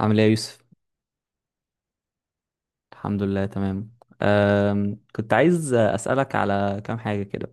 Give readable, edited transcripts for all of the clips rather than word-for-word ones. عامل ايه يا يوسف؟ الحمد لله، تمام. كنت عايز اسالك على كام حاجه كده.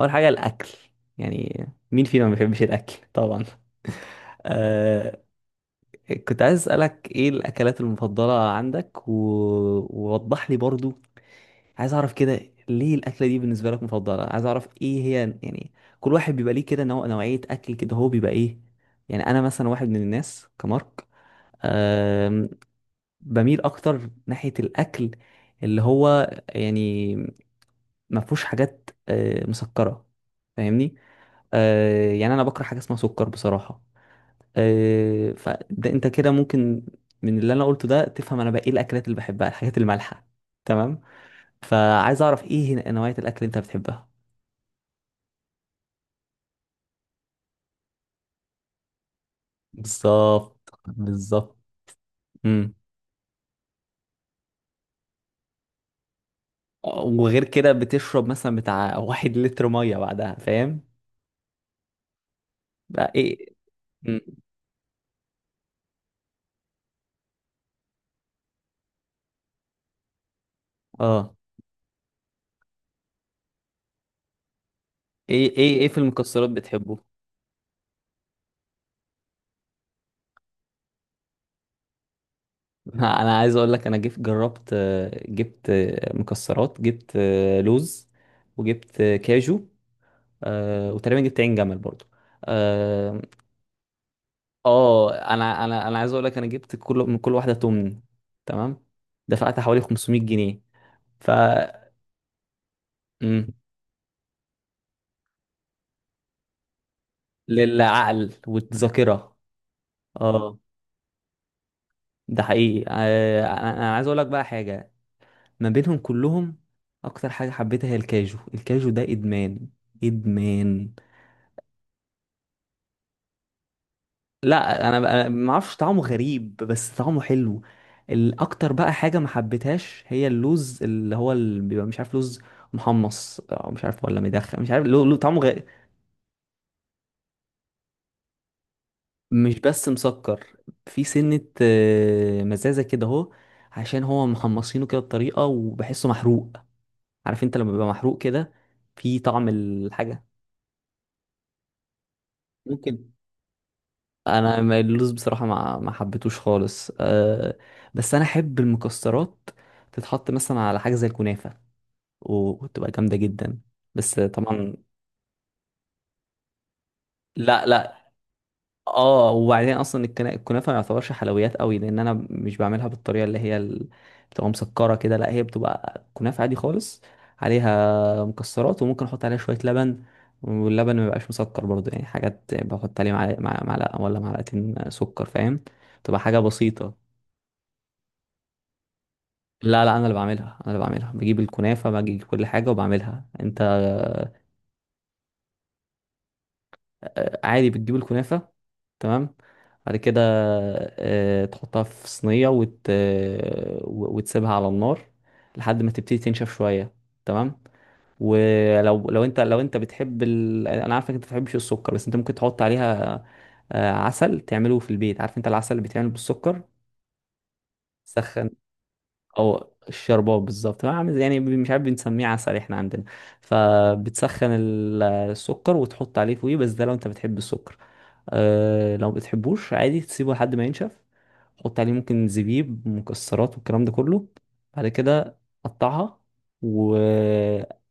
اول حاجه، الاكل. يعني مين فينا ما بيحبش الاكل؟ طبعا. أه كنت عايز اسالك، ايه الاكلات المفضله عندك؟ ووضح لي برضو، عايز اعرف كده، ليه الاكله دي بالنسبه لك مفضله، عايز اعرف ايه هي يعني. كل واحد بيبقى ليه كده نوع، نوعيه اكل كده، هو بيبقى ايه؟ يعني انا مثلا واحد من الناس، كمارك، بميل اكتر ناحية الاكل اللي هو يعني ما فيهوش حاجات مسكرة. فاهمني؟ يعني انا بكره حاجة اسمها سكر بصراحة. فده انت كده ممكن من اللي انا قلته ده تفهم انا بقى ايه الاكلات اللي بحبها، الحاجات المالحة. تمام. فعايز اعرف، ايه نوعية الاكل اللي انت بتحبها؟ بالظبط، بالظبط. امم وغير كده بتشرب مثلا بتاع واحد لتر مية بعدها، فاهم؟ بقى ايه. مم. اه. ايه ايه ايه، في المكسرات بتحبه؟ انا عايز اقول لك، انا جربت، جبت مكسرات، جبت لوز، وجبت كاجو. وتقريبا جبت عين جمل برضو. اه. انا عايز اقول لك، انا جبت كل من كل واحده تمن. تمام. دفعت حوالي 500 جنيه. ف. مم. للعقل والذاكره. اه. ده حقيقي، انا عايز اقول لك بقى حاجه، ما بينهم كلهم، اكتر حاجه حبيتها هي الكاجو، الكاجو ده ادمان، ادمان. لا، انا ما اعرفش، طعمه غريب بس طعمه حلو. الاكتر بقى حاجه ما حبيتهاش هي اللوز، اللي هو اللي بيبقى مش عارف، لوز محمص او مش عارف ولا مدخن مش عارف، له طعمه غير. مش بس مسكر، في سنه مزازه كده، اهو. عشان هو محمصينه كده بطريقه، وبحسه محروق. عارف انت لما بيبقى محروق كده، في طعم الحاجه. ممكن. انا اللوز بصراحه ما حبيتوش خالص، أه. بس انا احب المكسرات تتحط مثلا على حاجه زي الكنافه، وتبقى جامده جدا. بس طبعا. لا لا. اه، وبعدين اصلا الكنافه ما يعتبرش حلويات قوي، لان انا مش بعملها بالطريقه اللي هي بتبقى مسكره كده، لا هي بتبقى كنافه عادي خالص، عليها مكسرات، وممكن احط عليها شويه لبن. واللبن ما بيبقاش مسكر برضه، يعني حاجات بحط عليه معلقه، معلقه ولا معلقتين سكر، فاهم؟ تبقى حاجه بسيطه. لا لا، انا اللي بعملها، انا اللي بعملها، بجيب الكنافه، بجيب كل حاجه وبعملها انت. عادي، بتجيب الكنافه، تمام. بعد كده تحطها في صينيه، وتسيبها على النار لحد ما تبتدي تنشف شويه. تمام. ولو لو انت لو انت بتحب انا عارفك انت ما بتحبش السكر، بس انت ممكن تحط عليها عسل، تعمله في البيت، عارف انت العسل اللي بيتعمل بالسكر سخن. او الشربات، بالظبط، عامل زي، يعني مش عارف، بنسميه عسل احنا عندنا. فبتسخن السكر وتحط عليه فوقيه، بس ده لو انت بتحب السكر. أه لو بتحبوش عادي تسيبه لحد ما ينشف، حط عليه ممكن زبيب، مكسرات، والكلام ده كله. بعد كده قطعها، وهات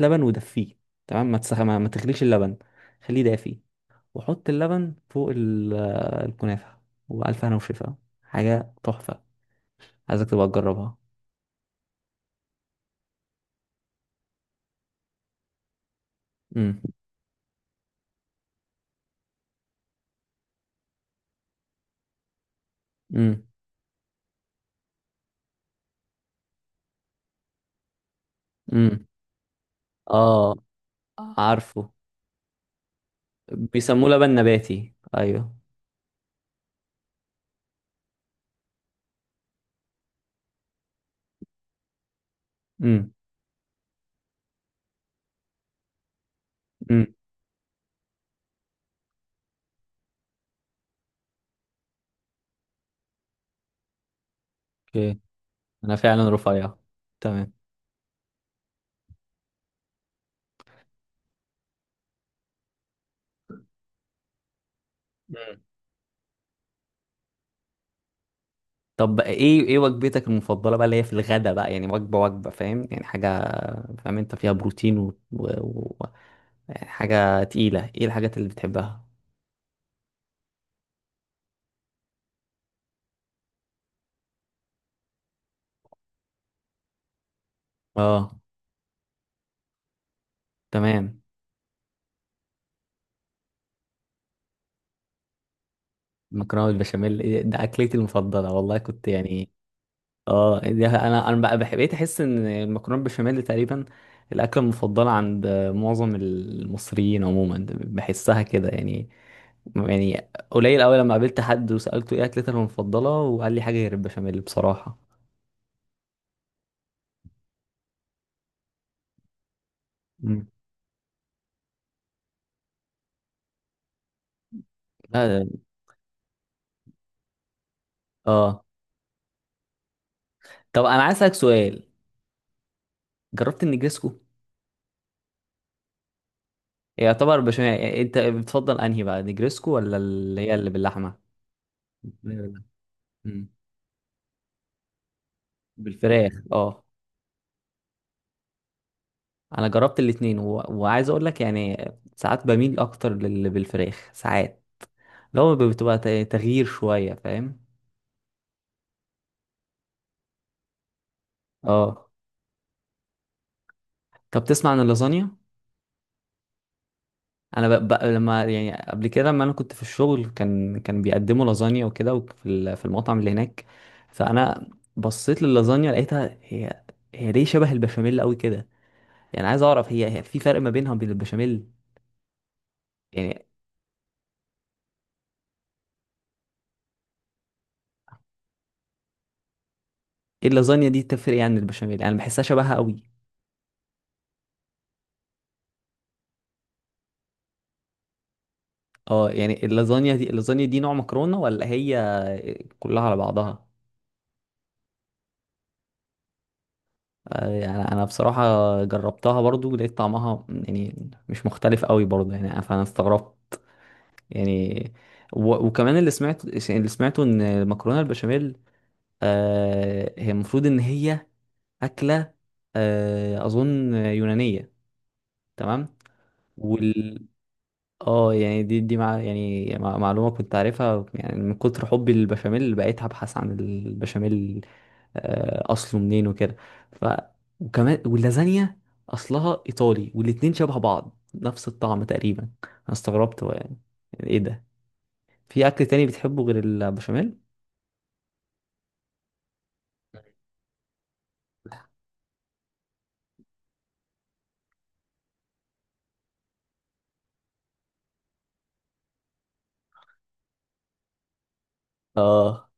لبن ودفيه. تمام، ما تغليش اللبن، خليه دافي. وحط اللبن فوق الكنافة، وألف هنا وشفا، حاجة تحفة. عايزك تبقى تجربها. مم. امم امم اه اه، عارفه، بيسموه لبن نباتي، ايوه. امم. امم اوكي، انا فعلا رفيع. تمام. مم. طب، ايه وجبتك المفضله بقى اللي هي في الغدا بقى؟ يعني وجبه، فاهم؟ يعني حاجه فاهم انت فيها بروتين يعني حاجه تقيله، ايه الحاجات اللي بتحبها؟ اه. تمام. مكرونه بالبشاميل؟ إيه ده، اكلتي المفضله والله، كنت يعني. اه، دي انا بقى بقيت احس ان المكرونه بالبشاميل تقريبا الاكله المفضله عند معظم المصريين عموما، بحسها كده يعني. يعني قليل قوي لما قابلت حد وسالته ايه اكلتك المفضله، وقال لي حاجه غير البشاميل بصراحه. مم. اه. آه. طب انا عايز اسالك سؤال، جربت النجريسكو؟ يعتبر بشاميل يعني، انت بتفضل انهي بقى، نجريسكو ولا اللي هي اللي باللحمه؟ لا، لا، لا. مم. بالفراخ، فراخ، اه. انا جربت الاتنين، وعايز اقول لك يعني ساعات بميل اكتر للي بالفراخ، ساعات لو بتبقى تغيير شويه، فاهم؟ اه. طب تسمع عن اللازانيا؟ انا لما يعني قبل كده، لما انا كنت في الشغل، كان بيقدموا لازانيا وكده، وفي في المطعم اللي هناك، فانا بصيت للازانيا، لقيتها هي، ليه شبه البشاميل قوي كده، يعني عايز اعرف هي في فرق ما بينها وبين البشاميل؟ يعني ايه اللازانيا دي؟ تفرق يعني عن البشاميل؟ يعني بحسها شبهها قوي. اه، يعني اللازانيا دي نوع مكرونة ولا هي كلها على بعضها؟ يعني انا بصراحة جربتها برضو، لقيت طعمها يعني مش مختلف قوي برضو يعني، فانا استغربت يعني. وكمان اللي سمعته ان المكرونة البشاميل هي المفروض ان هي أكلة، اظن يونانية. تمام. وال. اه يعني دي مع يعني معلومة كنت عارفها، يعني من كتر حبي للبشاميل بقيت ابحث عن البشاميل، اصله منين وكده. ف. وكمان واللازانيا اصلها ايطالي، والاتنين شبه بعض، نفس الطعم تقريبا، انا استغربت هو يعني، يعني ايه ده. في اكل تاني بتحبه غير البشاميل؟ اه.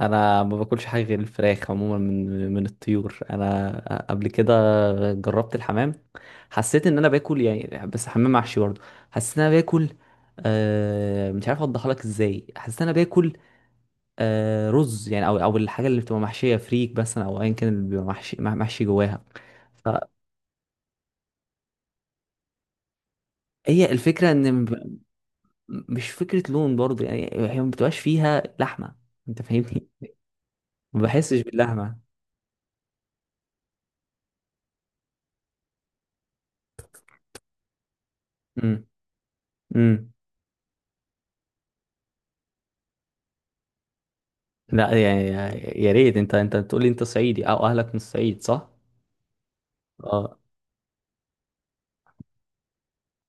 انا ما باكلش حاجه غير الفراخ عموما، من الطيور، انا قبل كده جربت الحمام، حسيت ان انا باكل يعني بس حمام محشي برضه، حسيت ان انا باكل مش عارف اوضحها لك ازاي، حسيت ان انا باكل رز يعني، او الحاجه اللي بتبقى محشيه فريك مثلا، او ايا كان اللي بيبقى محشي محشي جواها. فهي الفكره ان مش فكره لون برضه، يعني هي ما بتبقاش فيها لحمه. انت فاهمني؟ ما بحسش باللحمه. امم، امم. لا يعني، يا ريت، انت بتقول لي انت صعيدي او اهلك من الصعيد، صح؟ اه.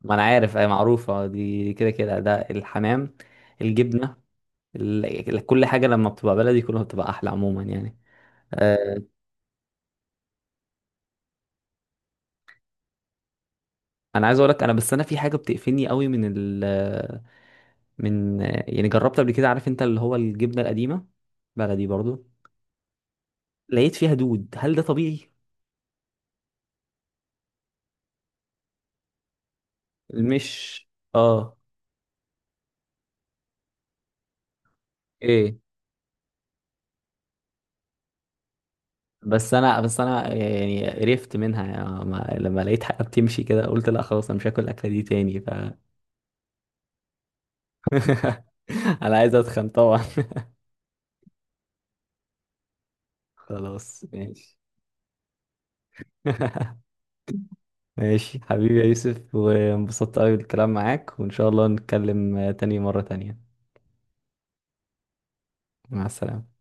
ما انا عارف، اي معروفه، دي كده كده ده الحمام، الجبنه، كل حاجه لما بتبقى بلدي كلها بتبقى احلى عموما، يعني. آه. انا عايز اقول لك انا، بس انا في حاجه بتقفلني قوي من من، يعني جربت قبل كده، عارف انت اللي هو الجبنه القديمه، بلدي برضو، لقيت فيها دود، هل ده طبيعي؟ مش، اه، ايه. بس انا يعني قرفت منها يعني، ما، لما لقيت حاجه بتمشي كده، قلت لا خلاص انا مش هاكل الاكله دي تاني، ف. انا عايز اتخن طبعا. خلاص، ماشي. ماشي حبيبي يا يوسف، وانبسطت قوي بالكلام معاك، وان شاء الله نتكلم مره تانيه. مع السلامه.